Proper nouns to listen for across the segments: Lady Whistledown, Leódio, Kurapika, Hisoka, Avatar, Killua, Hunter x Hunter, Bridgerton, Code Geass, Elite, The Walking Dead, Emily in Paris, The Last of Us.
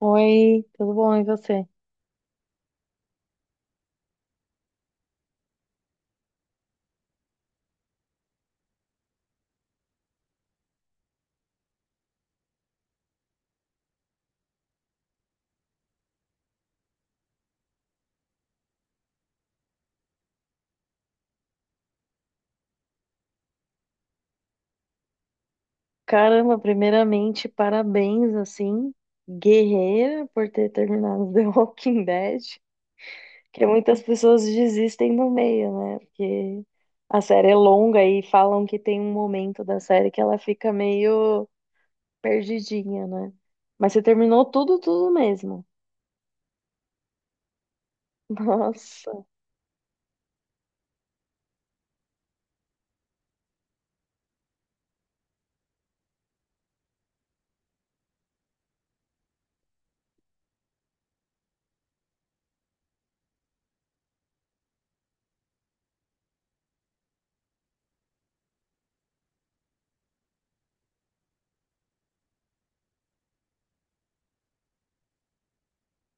Oi, tudo bom? E você? Caramba, primeiramente, parabéns, assim, guerreira, por ter terminado The Walking Dead, que muitas pessoas desistem no meio, né? Porque a série é longa e falam que tem um momento da série que ela fica meio perdidinha, né? Mas você terminou tudo, tudo mesmo. Nossa,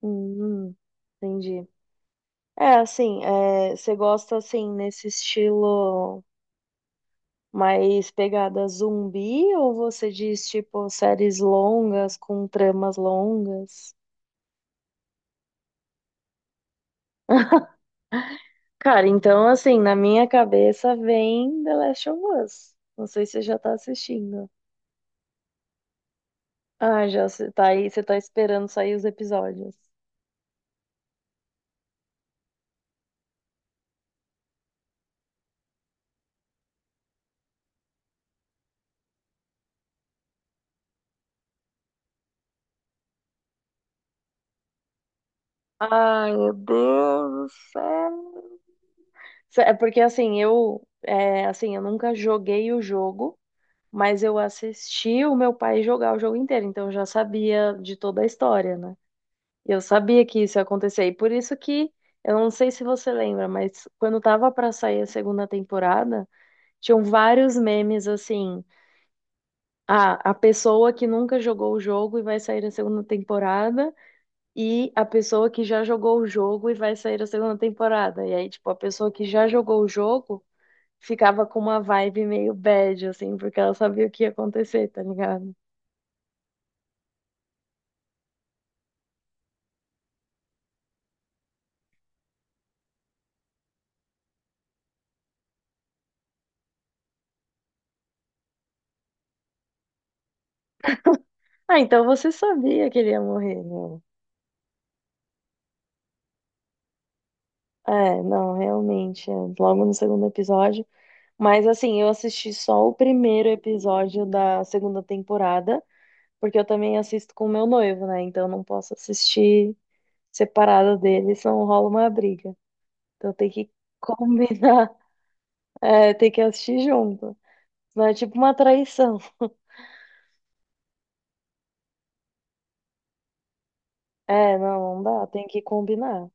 hum, entendi. É, assim, você gosta, assim, nesse estilo. Mas pegada zumbi ou você diz tipo séries longas com tramas longas? Cara, então assim, na minha cabeça vem The Last of Us. Não sei se você já tá assistindo. Ah, já você tá aí, você tá esperando sair os episódios. Ai, meu Deus do céu. É porque assim, eu nunca joguei o jogo, mas eu assisti o meu pai jogar o jogo inteiro, então eu já sabia de toda a história, né? Eu sabia que isso ia acontecer, e por isso que eu não sei se você lembra, mas quando tava pra sair a segunda temporada, tinham vários memes assim: ah, a pessoa que nunca jogou o jogo e vai sair a segunda temporada, e a pessoa que já jogou o jogo e vai sair a segunda temporada. E aí, tipo, a pessoa que já jogou o jogo ficava com uma vibe meio bad, assim, porque ela sabia o que ia acontecer, tá ligado? Ah, então você sabia que ele ia morrer, meu. É, não, realmente, logo no segundo episódio. Mas assim, eu assisti só o primeiro episódio da segunda temporada, porque eu também assisto com o meu noivo, né? Então eu não posso assistir separada dele, senão rola uma briga. Então tem que combinar, tem que assistir junto. Não é tipo uma traição. É, não, não dá, tem que combinar.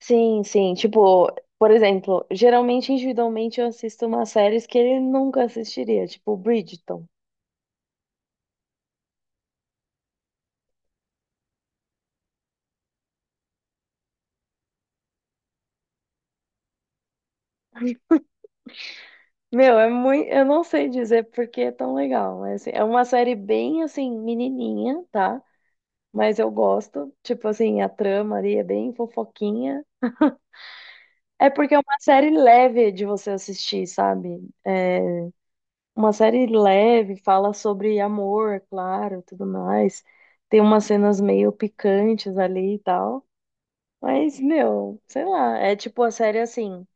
Sim, sim. Tipo, por exemplo, geralmente individualmente eu assisto umas séries que ele nunca assistiria, tipo Bridgerton. Meu, é muito. Eu não sei dizer porque é tão legal, mas assim, é uma série bem assim, menininha, tá? Mas eu gosto. Tipo assim, a trama ali é bem fofoquinha. É porque é uma série leve de você assistir, sabe? É uma série leve, fala sobre amor, é claro, tudo mais. Tem umas cenas meio picantes ali e tal. Mas, meu, sei lá, é tipo a série assim.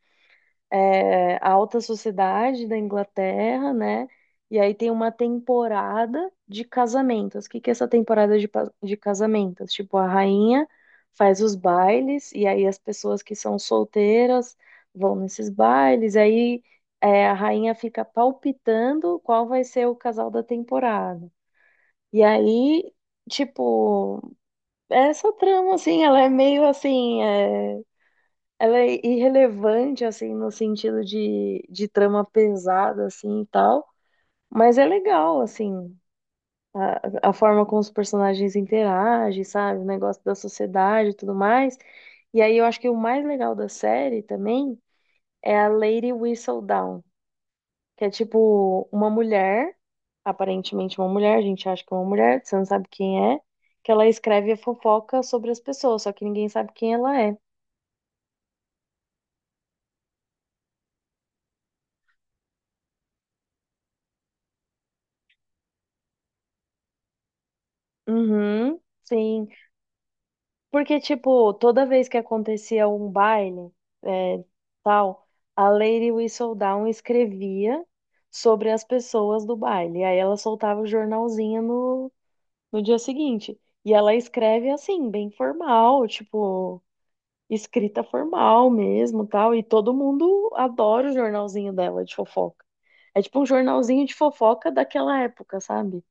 é, a alta sociedade da Inglaterra, né? E aí tem uma temporada de casamentos. O que que é essa temporada de casamentos? Tipo, a rainha faz os bailes, e aí as pessoas que são solteiras vão nesses bailes, e aí a rainha fica palpitando qual vai ser o casal da temporada. E aí, tipo, essa trama, assim, ela é meio assim, ela é irrelevante, assim, no sentido de trama pesada, assim, e tal. Mas é legal, assim, a forma como os personagens interagem, sabe? O negócio da sociedade e tudo mais. E aí eu acho que o mais legal da série também é a Lady Whistledown, que é tipo uma mulher, aparentemente uma mulher, a gente acha que é uma mulher, você não sabe quem é, que ela escreve a fofoca sobre as pessoas, só que ninguém sabe quem ela é. Uhum, sim. Porque, tipo, toda vez que acontecia um baile, é, tal, a Lady Whistledown escrevia sobre as pessoas do baile. Aí ela soltava o jornalzinho no dia seguinte. E ela escreve assim, bem formal, tipo, escrita formal mesmo, tal. E todo mundo adora o jornalzinho dela de fofoca. É tipo um jornalzinho de fofoca daquela época, sabe?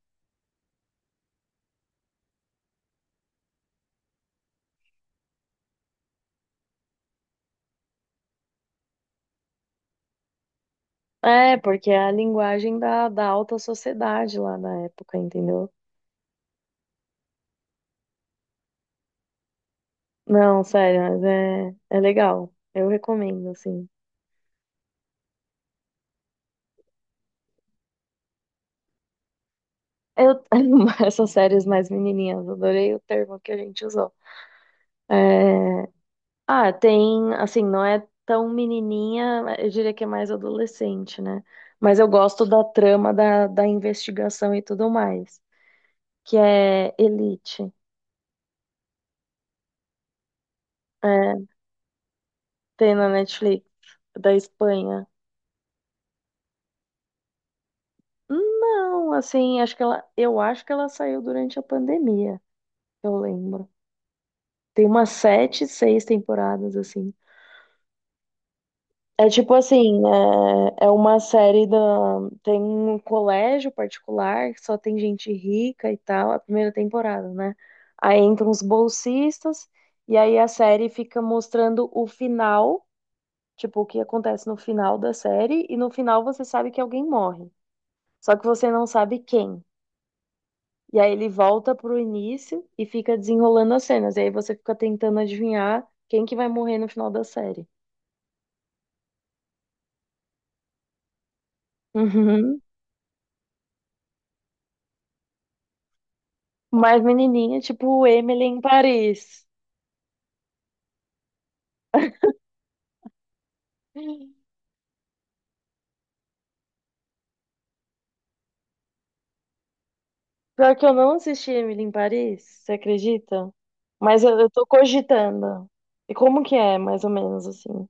É, porque é a linguagem da alta sociedade lá na época, entendeu? Não, sério, mas é legal. Eu recomendo, assim. Eu, essas séries mais menininhas, adorei o termo que a gente usou. É, Ah, tem, assim, não é tão menininha, eu diria que é mais adolescente, né? Mas eu gosto da trama da investigação e tudo mais, que é Elite. É, tem na Netflix, da Espanha. Não, assim, eu acho que ela saiu durante a pandemia, eu lembro. Tem umas sete, seis temporadas, assim. É tipo assim, é uma série da. Tem um colégio particular que só tem gente rica e tal, a primeira temporada, né? Aí entram os bolsistas, e aí a série fica mostrando o final, tipo, o que acontece no final da série, e no final você sabe que alguém morre. Só que você não sabe quem. E aí ele volta pro início e fica desenrolando as cenas. E aí você fica tentando adivinhar quem que vai morrer no final da série. Uhum. Mas menininha, tipo Emily em Paris. Pior que eu não assisti Emily em Paris, você acredita? Mas eu tô cogitando. E como que é, mais ou menos, assim?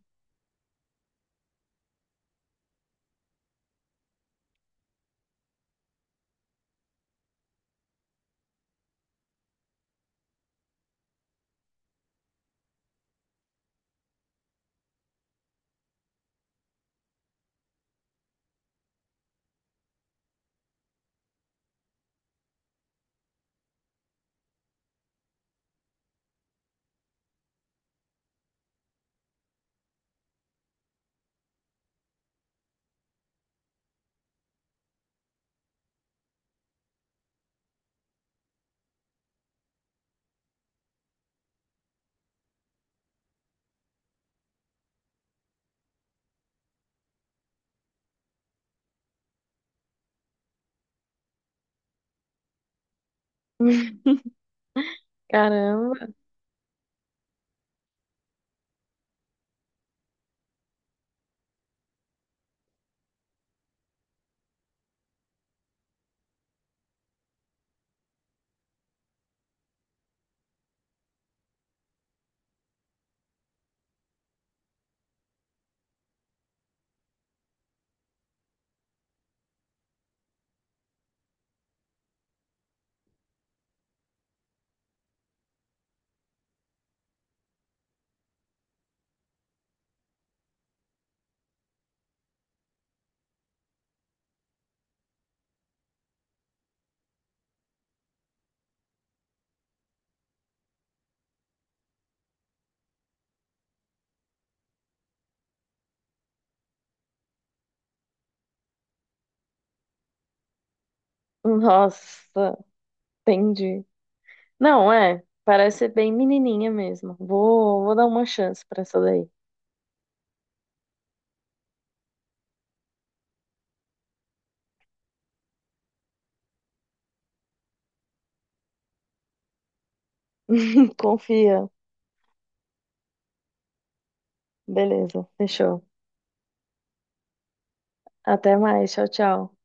Caramba. Nossa, entendi. Não, é. Parece ser bem menininha mesmo. Vou dar uma chance pra essa daí. Confia. Beleza, fechou. Até mais. Tchau, tchau.